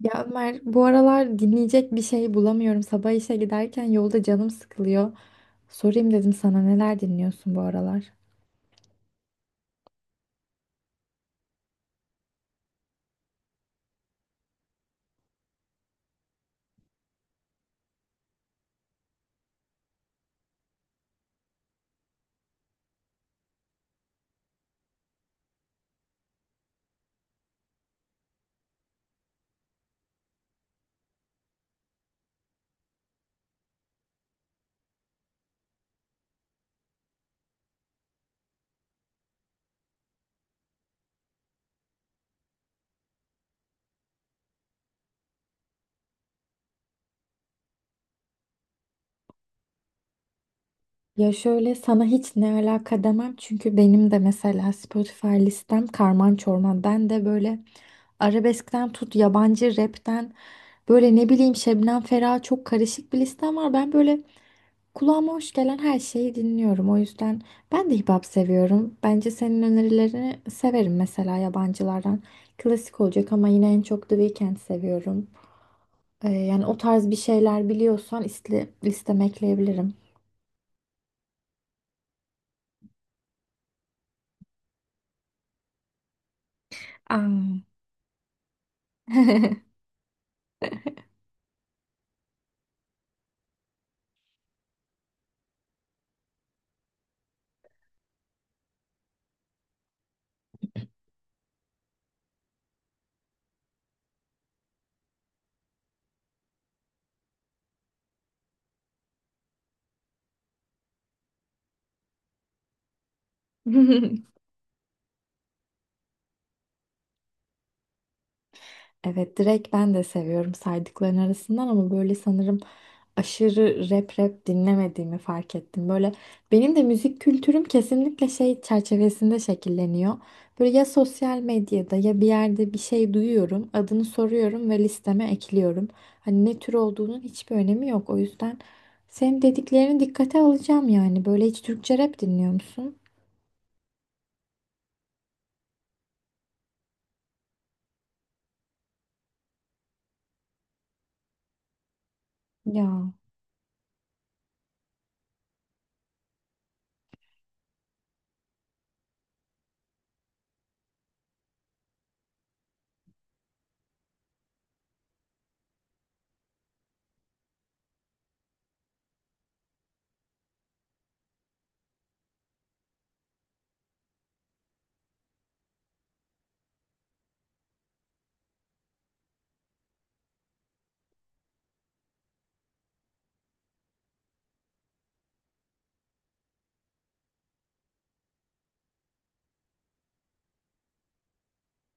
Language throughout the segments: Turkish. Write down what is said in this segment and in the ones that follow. Ya Ömer, bu aralar dinleyecek bir şey bulamıyorum. Sabah işe giderken yolda canım sıkılıyor. Sorayım dedim sana, neler dinliyorsun bu aralar? Ya şöyle, sana hiç "ne alaka" demem çünkü benim de mesela Spotify listem karman çorman. Ben de böyle arabeskten tut yabancı rapten, böyle ne bileyim, Şebnem Ferah, çok karışık bir listem var. Ben böyle kulağıma hoş gelen her şeyi dinliyorum. O yüzden ben de hip hop seviyorum. Bence senin önerilerini severim mesela, yabancılardan. Klasik olacak ama yine en çok The Weeknd seviyorum. Yani o tarz bir şeyler biliyorsan iste, listeme ekleyebilirim. Aa. Evet, direkt ben de seviyorum saydıkların arasından ama böyle sanırım aşırı rap rap dinlemediğimi fark ettim. Böyle benim de müzik kültürüm kesinlikle şey çerçevesinde şekilleniyor. Böyle ya sosyal medyada ya bir yerde bir şey duyuyorum, adını soruyorum ve listeme ekliyorum. Hani ne tür olduğunun hiçbir önemi yok. O yüzden senin dediklerini dikkate alacağım yani. Böyle, hiç Türkçe rap dinliyor musun? Ya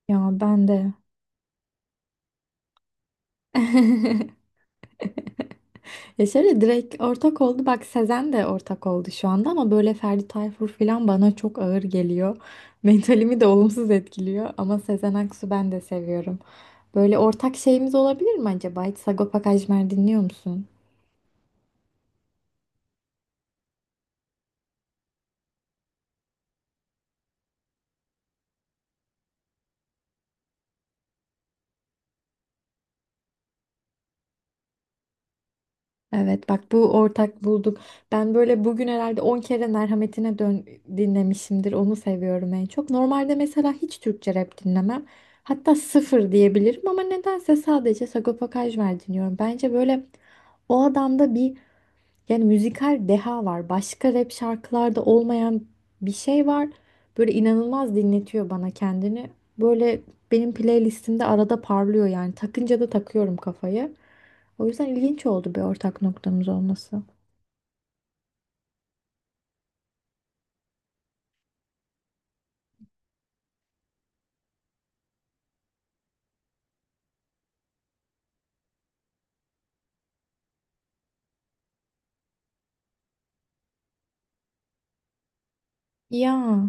ya ben de. Ya şöyle, direkt ortak oldu. Bak, Sezen de ortak oldu şu anda ama böyle Ferdi Tayfur falan bana çok ağır geliyor. Mentalimi de olumsuz etkiliyor ama Sezen Aksu ben de seviyorum. Böyle ortak şeyimiz olabilir mi acaba? Hiç Sagopa Kajmer dinliyor musun? Evet, bak bu ortak bulduk. Ben böyle bugün herhalde 10 kere Merhametine Dön dinlemişimdir. Onu seviyorum en çok. Normalde mesela hiç Türkçe rap dinlemem. Hatta sıfır diyebilirim ama nedense sadece Sagopa Kajmer dinliyorum. Bence böyle o adamda bir, yani müzikal deha var. Başka rap şarkılarda olmayan bir şey var. Böyle inanılmaz dinletiyor bana kendini. Böyle benim playlistimde arada parlıyor yani. Takınca da takıyorum kafayı. O yüzden ilginç oldu bir ortak noktamız olması. Ya.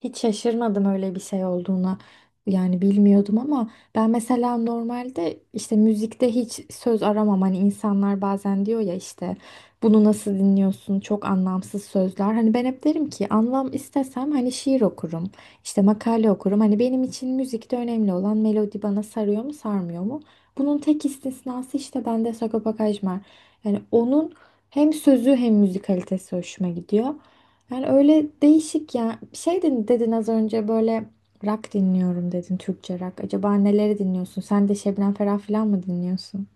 Hiç şaşırmadım öyle bir şey olduğuna. Yani bilmiyordum ama ben mesela normalde işte müzikte hiç söz aramam. Hani insanlar bazen diyor ya işte, bunu nasıl dinliyorsun, çok anlamsız sözler. Hani ben hep derim ki, anlam istesem hani şiir okurum, işte makale okurum. Hani benim için müzikte önemli olan melodi bana sarıyor mu sarmıyor mu? Bunun tek istisnası işte bende Sagopa Kajmer. Yani onun hem sözü hem müzikalitesi hoşuma gidiyor. Yani öyle değişik ya. Şey dedin az önce böyle, rock dinliyorum dedin, Türkçe rock. Acaba neleri dinliyorsun? Sen de Şebnem Ferah falan mı dinliyorsun?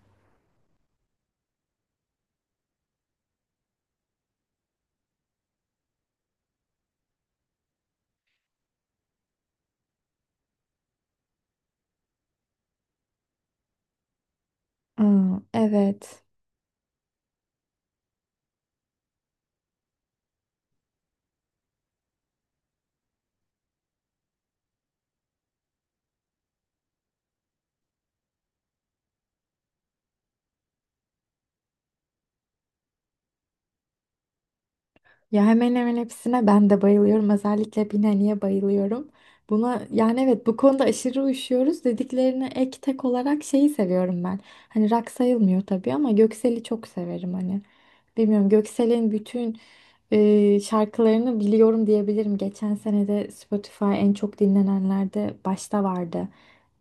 Aa, evet. Ya hemen hemen hepsine ben de bayılıyorum. Özellikle Binali'ye bayılıyorum. Buna, yani evet, bu konuda aşırı uyuşuyoruz. Dediklerine ek tek olarak şeyi seviyorum ben. Hani rock sayılmıyor tabii ama Göksel'i çok severim hani. Bilmiyorum, Göksel'in bütün şarkılarını biliyorum diyebilirim. Geçen sene de Spotify en çok dinlenenlerde başta vardı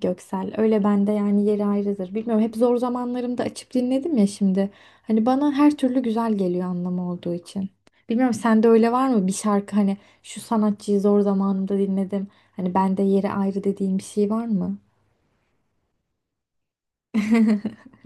Göksel. Öyle, bende yani yeri ayrıdır. Bilmiyorum, hep zor zamanlarımda açıp dinledim ya şimdi. Hani bana her türlü güzel geliyor, anlamı olduğu için. Bilmiyorum sende öyle var mı bir şarkı, hani şu sanatçıyı zor zamanımda dinledim, hani bende yeri ayrı dediğim bir şey var mı?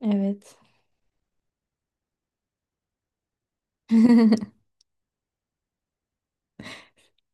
Evet.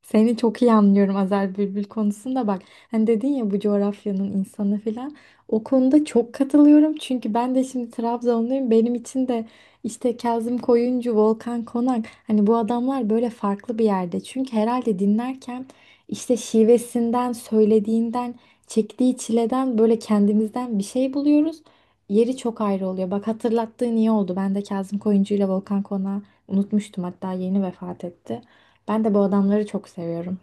Seni çok iyi anlıyorum Azer Bülbül konusunda bak. Hani dedin ya, bu coğrafyanın insanı falan. O konuda çok katılıyorum. Çünkü ben de şimdi Trabzonluyum. Benim için de işte Kazım Koyuncu, Volkan Konak. Hani bu adamlar böyle farklı bir yerde. Çünkü herhalde dinlerken işte şivesinden, söylediğinden, çektiği çileden böyle kendimizden bir şey buluyoruz. Yeri çok ayrı oluyor. Bak hatırlattığın iyi oldu. Ben de Kazım Koyuncu ile Volkan Konak'ı unutmuştum. Hatta yeni vefat etti. Ben de bu adamları çok seviyorum.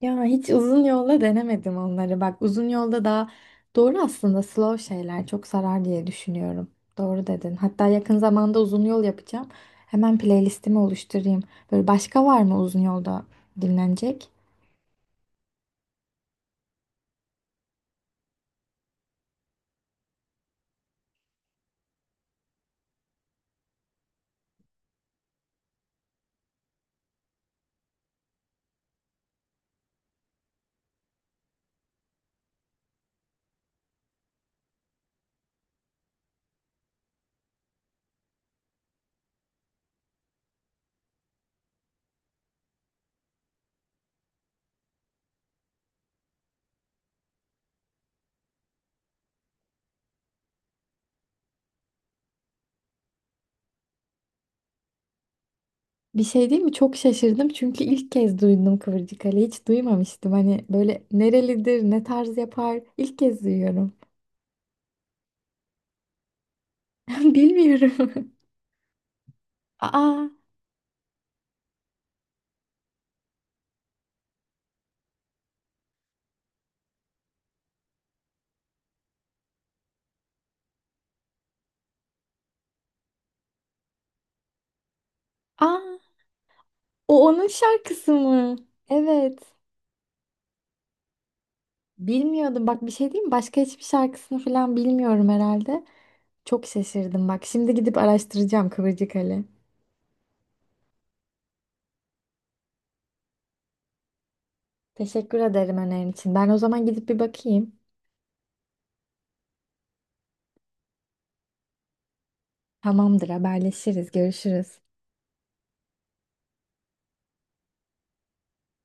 Ya hiç uzun yolda denemedim onları. Bak, uzun yolda daha doğru aslında, slow şeyler çok sarar diye düşünüyorum. Doğru dedin. Hatta yakın zamanda uzun yol yapacağım. Hemen playlistimi oluşturayım. Böyle başka var mı uzun yolda dinlenecek? Bir şey değil mi? Çok şaşırdım çünkü ilk kez duydum Kıvırcık Ali. Hiç duymamıştım. Hani böyle nerelidir, ne tarz yapar? İlk kez duyuyorum. Bilmiyorum. Aa, aa, o onun şarkısı mı? Evet. Bilmiyordum. Bak bir şey diyeyim mi? Başka hiçbir şarkısını falan bilmiyorum herhalde. Çok şaşırdım bak. Şimdi gidip araştıracağım Kıvırcık Ali. Teşekkür ederim önerin için. Ben o zaman gidip bir bakayım. Tamamdır, haberleşiriz. Görüşürüz.